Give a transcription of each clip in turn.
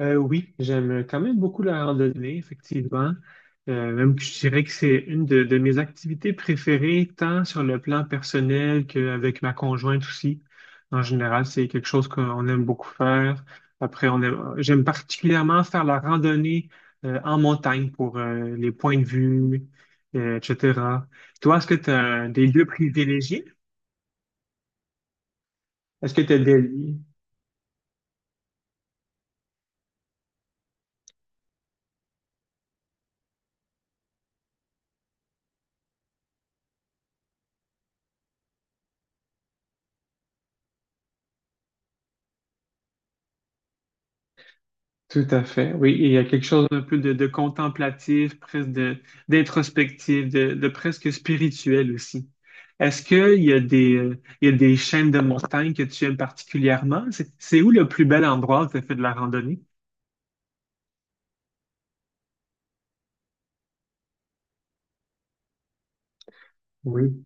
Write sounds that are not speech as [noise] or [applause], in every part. Oui, j'aime quand même beaucoup la randonnée, effectivement. Même que je dirais que c'est une de mes activités préférées, tant sur le plan personnel qu'avec ma conjointe aussi. En général, c'est quelque chose qu'on aime beaucoup faire. Après, j'aime particulièrement faire la randonnée en montagne pour les points de vue, etc. Toi, est-ce que tu as des lieux privilégiés? Est-ce que tu as des, Tout à fait, oui. Et il y a quelque chose d'un peu de contemplatif, d'introspectif, de presque spirituel aussi. Est-ce qu'il y a des chaînes de montagnes que tu aimes particulièrement? C'est où le plus bel endroit où tu as fait de la randonnée? Oui.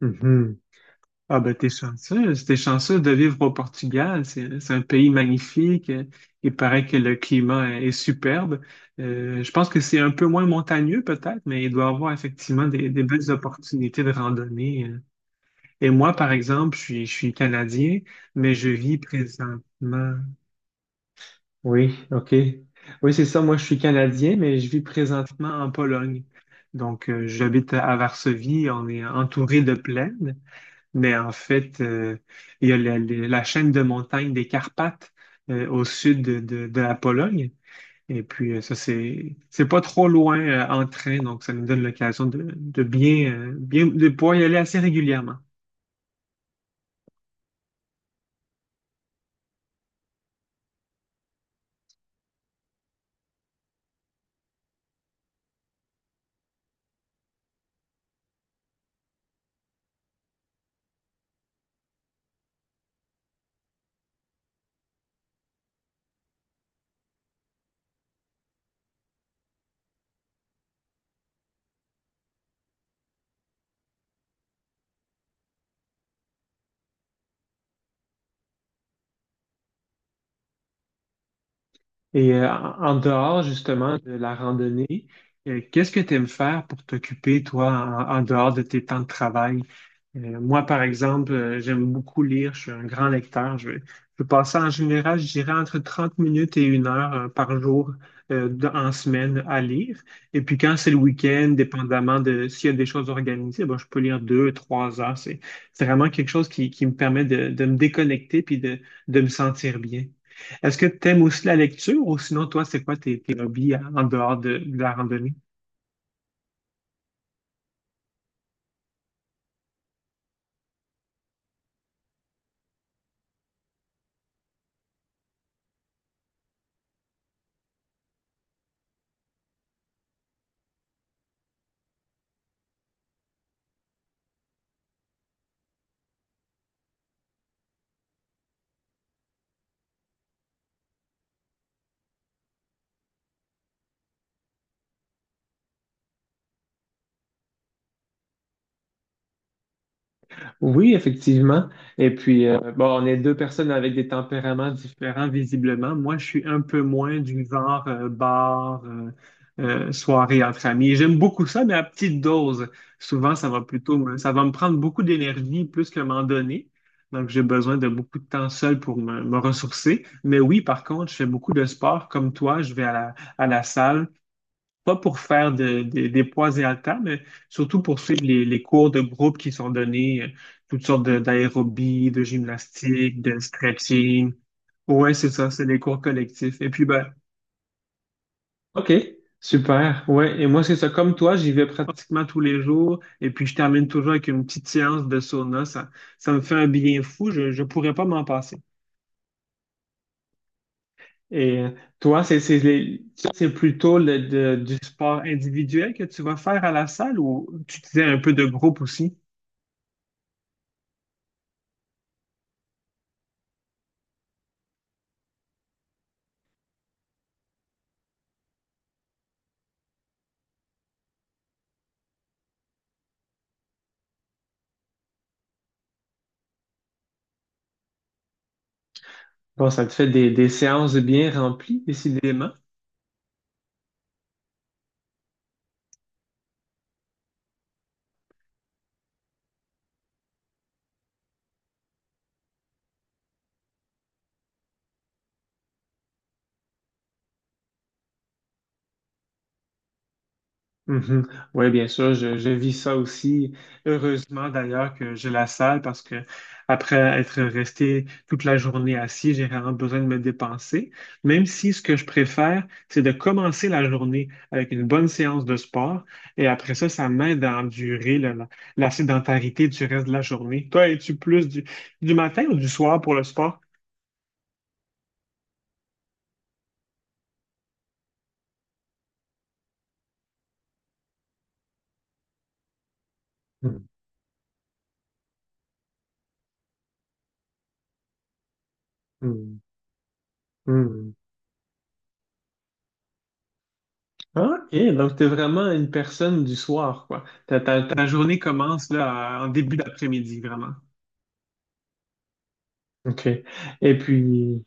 Mhm. Ah ben t'es chanceuse de vivre au Portugal. C'est un pays magnifique. Il paraît que le climat est superbe. Je pense que c'est un peu moins montagneux peut-être, mais il doit y avoir effectivement des belles opportunités de randonnée. Et moi, par exemple, je suis Canadien, mais je vis présentement. Oui, OK. Oui, c'est ça. Moi, je suis Canadien, mais je vis présentement en Pologne. J'habite à Varsovie. On est entouré de plaines, mais en fait, il y a la chaîne de montagnes des Carpates au sud de la Pologne. Et puis, ça, c'est pas trop loin en train, donc ça nous donne l'occasion de pouvoir y aller assez régulièrement. Et en dehors justement de la randonnée, qu'est-ce que tu aimes faire pour t'occuper, toi, en dehors de tes temps de travail? Moi, par exemple, j'aime beaucoup lire, je suis un grand lecteur. Je passe en général, je dirais, entre 30 minutes et une heure par jour en semaine à lire. Et puis quand c'est le week-end, dépendamment de s'il y a des choses organisées, ben, je peux lire deux, trois heures. C'est vraiment quelque chose qui me permet de me déconnecter puis de me sentir bien. Est-ce que tu aimes aussi la lecture ou sinon, toi, c'est quoi tes hobbies en dehors de la randonnée? Oui, effectivement. Et puis, bon, on est deux personnes avec des tempéraments différents, visiblement. Moi, je suis un peu moins du genre bar, soirée entre amis. J'aime beaucoup ça, mais à petite dose. Souvent, ça va me prendre beaucoup d'énergie plus que m'en donner. Donc, j'ai besoin de beaucoup de temps seul pour me ressourcer. Mais oui, par contre, je fais beaucoup de sport comme toi. Je vais à à la salle, pas pour faire des poids et haltères, mais surtout pour suivre les cours de groupe qui sont donnés, toutes sortes d'aérobie, de gymnastique, de stretching. Ouais, c'est ça, c'est les cours collectifs. OK, super. Ouais, et moi, c'est ça. Comme toi, j'y vais pratiquement tous les jours. Et puis, je termine toujours avec une petite séance de sauna. Ça me fait un bien fou. Je ne pourrais pas m'en passer. Et toi, c'est plutôt du sport individuel que tu vas faire à la salle ou tu disais un peu de groupe aussi? Bon, ça te fait des séances bien remplies, décidément. Mhm. Oui, bien sûr, je vis ça aussi. Heureusement d'ailleurs que j'ai la salle parce que après être resté toute la journée assis, j'ai vraiment besoin de me dépenser. Même si ce que je préfère, c'est de commencer la journée avec une bonne séance de sport et après ça, ça m'aide à endurer la, la sédentarité du reste de la journée. Toi, es-tu plus du matin ou du soir pour le sport? Mhm. Mhm. Ok, donc t'es vraiment une personne du soir, quoi. Ta journée commence là, en début d'après-midi, vraiment. OK. Et puis,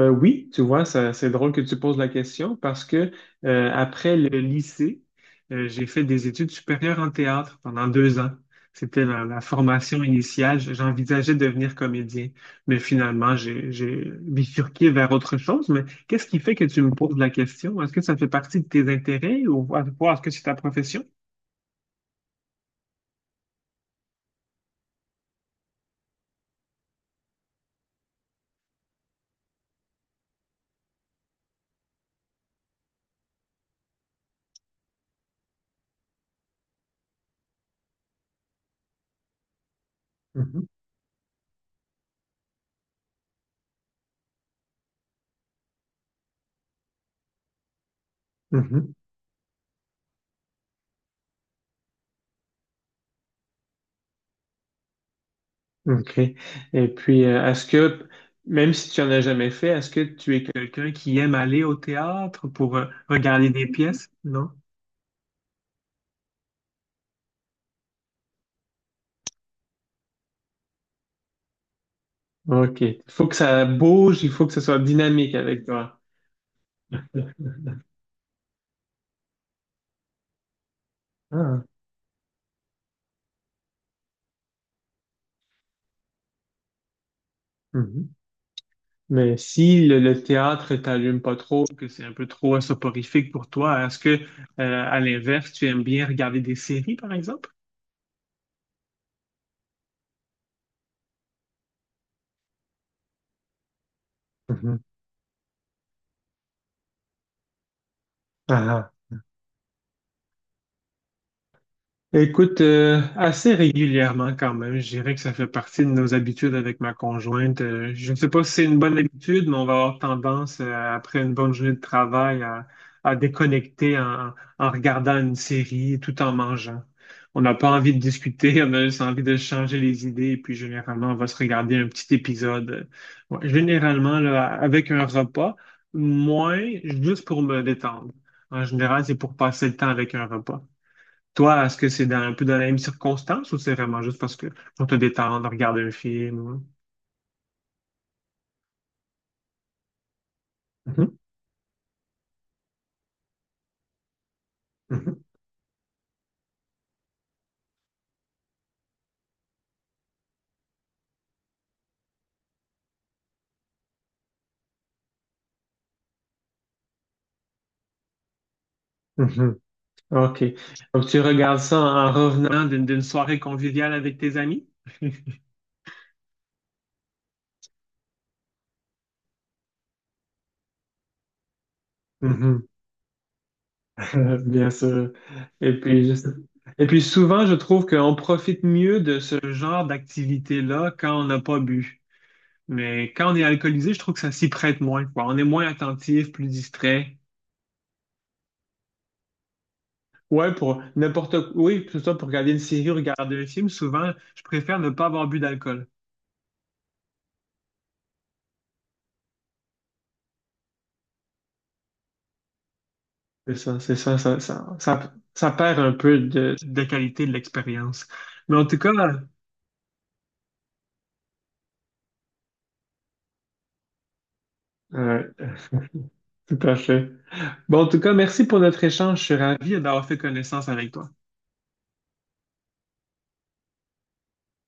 Oui, tu vois, c'est drôle que tu poses la question parce que après le lycée, j'ai fait des études supérieures en théâtre pendant deux ans. C'était la formation initiale. J'envisageais de devenir comédien, mais finalement, j'ai bifurqué vers autre chose. Mais qu'est-ce qui fait que tu me poses la question? Est-ce que ça fait partie de tes intérêts ou est-ce que c'est ta profession? Mhm, mhm. OK. Et puis, même si tu en as jamais fait, est-ce que tu es quelqu'un qui aime aller au théâtre pour regarder des pièces? Non? OK. Il faut que ça bouge, il faut que ce soit dynamique avec toi. Ah. Mhm. Mais si le théâtre t'allume pas trop, que c'est un peu trop soporifique pour toi, à l'inverse, tu aimes bien regarder des séries, par exemple? Mhm. Ah, ah. Écoute, assez régulièrement quand même, je dirais que ça fait partie de nos habitudes avec ma conjointe. Je ne sais pas si c'est une bonne habitude, mais on va avoir tendance, après une bonne journée de travail, à déconnecter en regardant une série tout en mangeant. On n'a pas envie de discuter, [laughs] on a juste envie de changer les idées, et puis généralement, on va se regarder un petit épisode. Ouais, généralement, là, avec un repas, moins juste pour me détendre. En général, c'est pour passer le temps avec un repas. Toi, est-ce que c'est un peu dans la même circonstance ou c'est vraiment juste parce que pour te détendre, regarder un film? Ou- Mhm, mhm, mhm. OK. Donc, tu regardes ça en revenant d'une soirée conviviale avec tes amis? Mhm. [laughs] Bien sûr. Et puis, je- Et puis souvent, je trouve qu'on profite mieux de ce genre d'activité-là quand on n'a pas bu. Mais quand on est alcoolisé, je trouve que ça s'y prête moins, quoi. On est moins attentif, plus distrait. Ouais, pour n'importe quoi. Oui, que ce soit pour regarder une série ou regarder un film, souvent, je préfère ne pas avoir bu d'alcool. C'est ça, ça perd un peu de qualité de l'expérience. Mais en tout cas, ouais, tout à fait. Bon, en tout cas, merci pour notre échange. Je suis ravi d'avoir fait connaissance avec toi.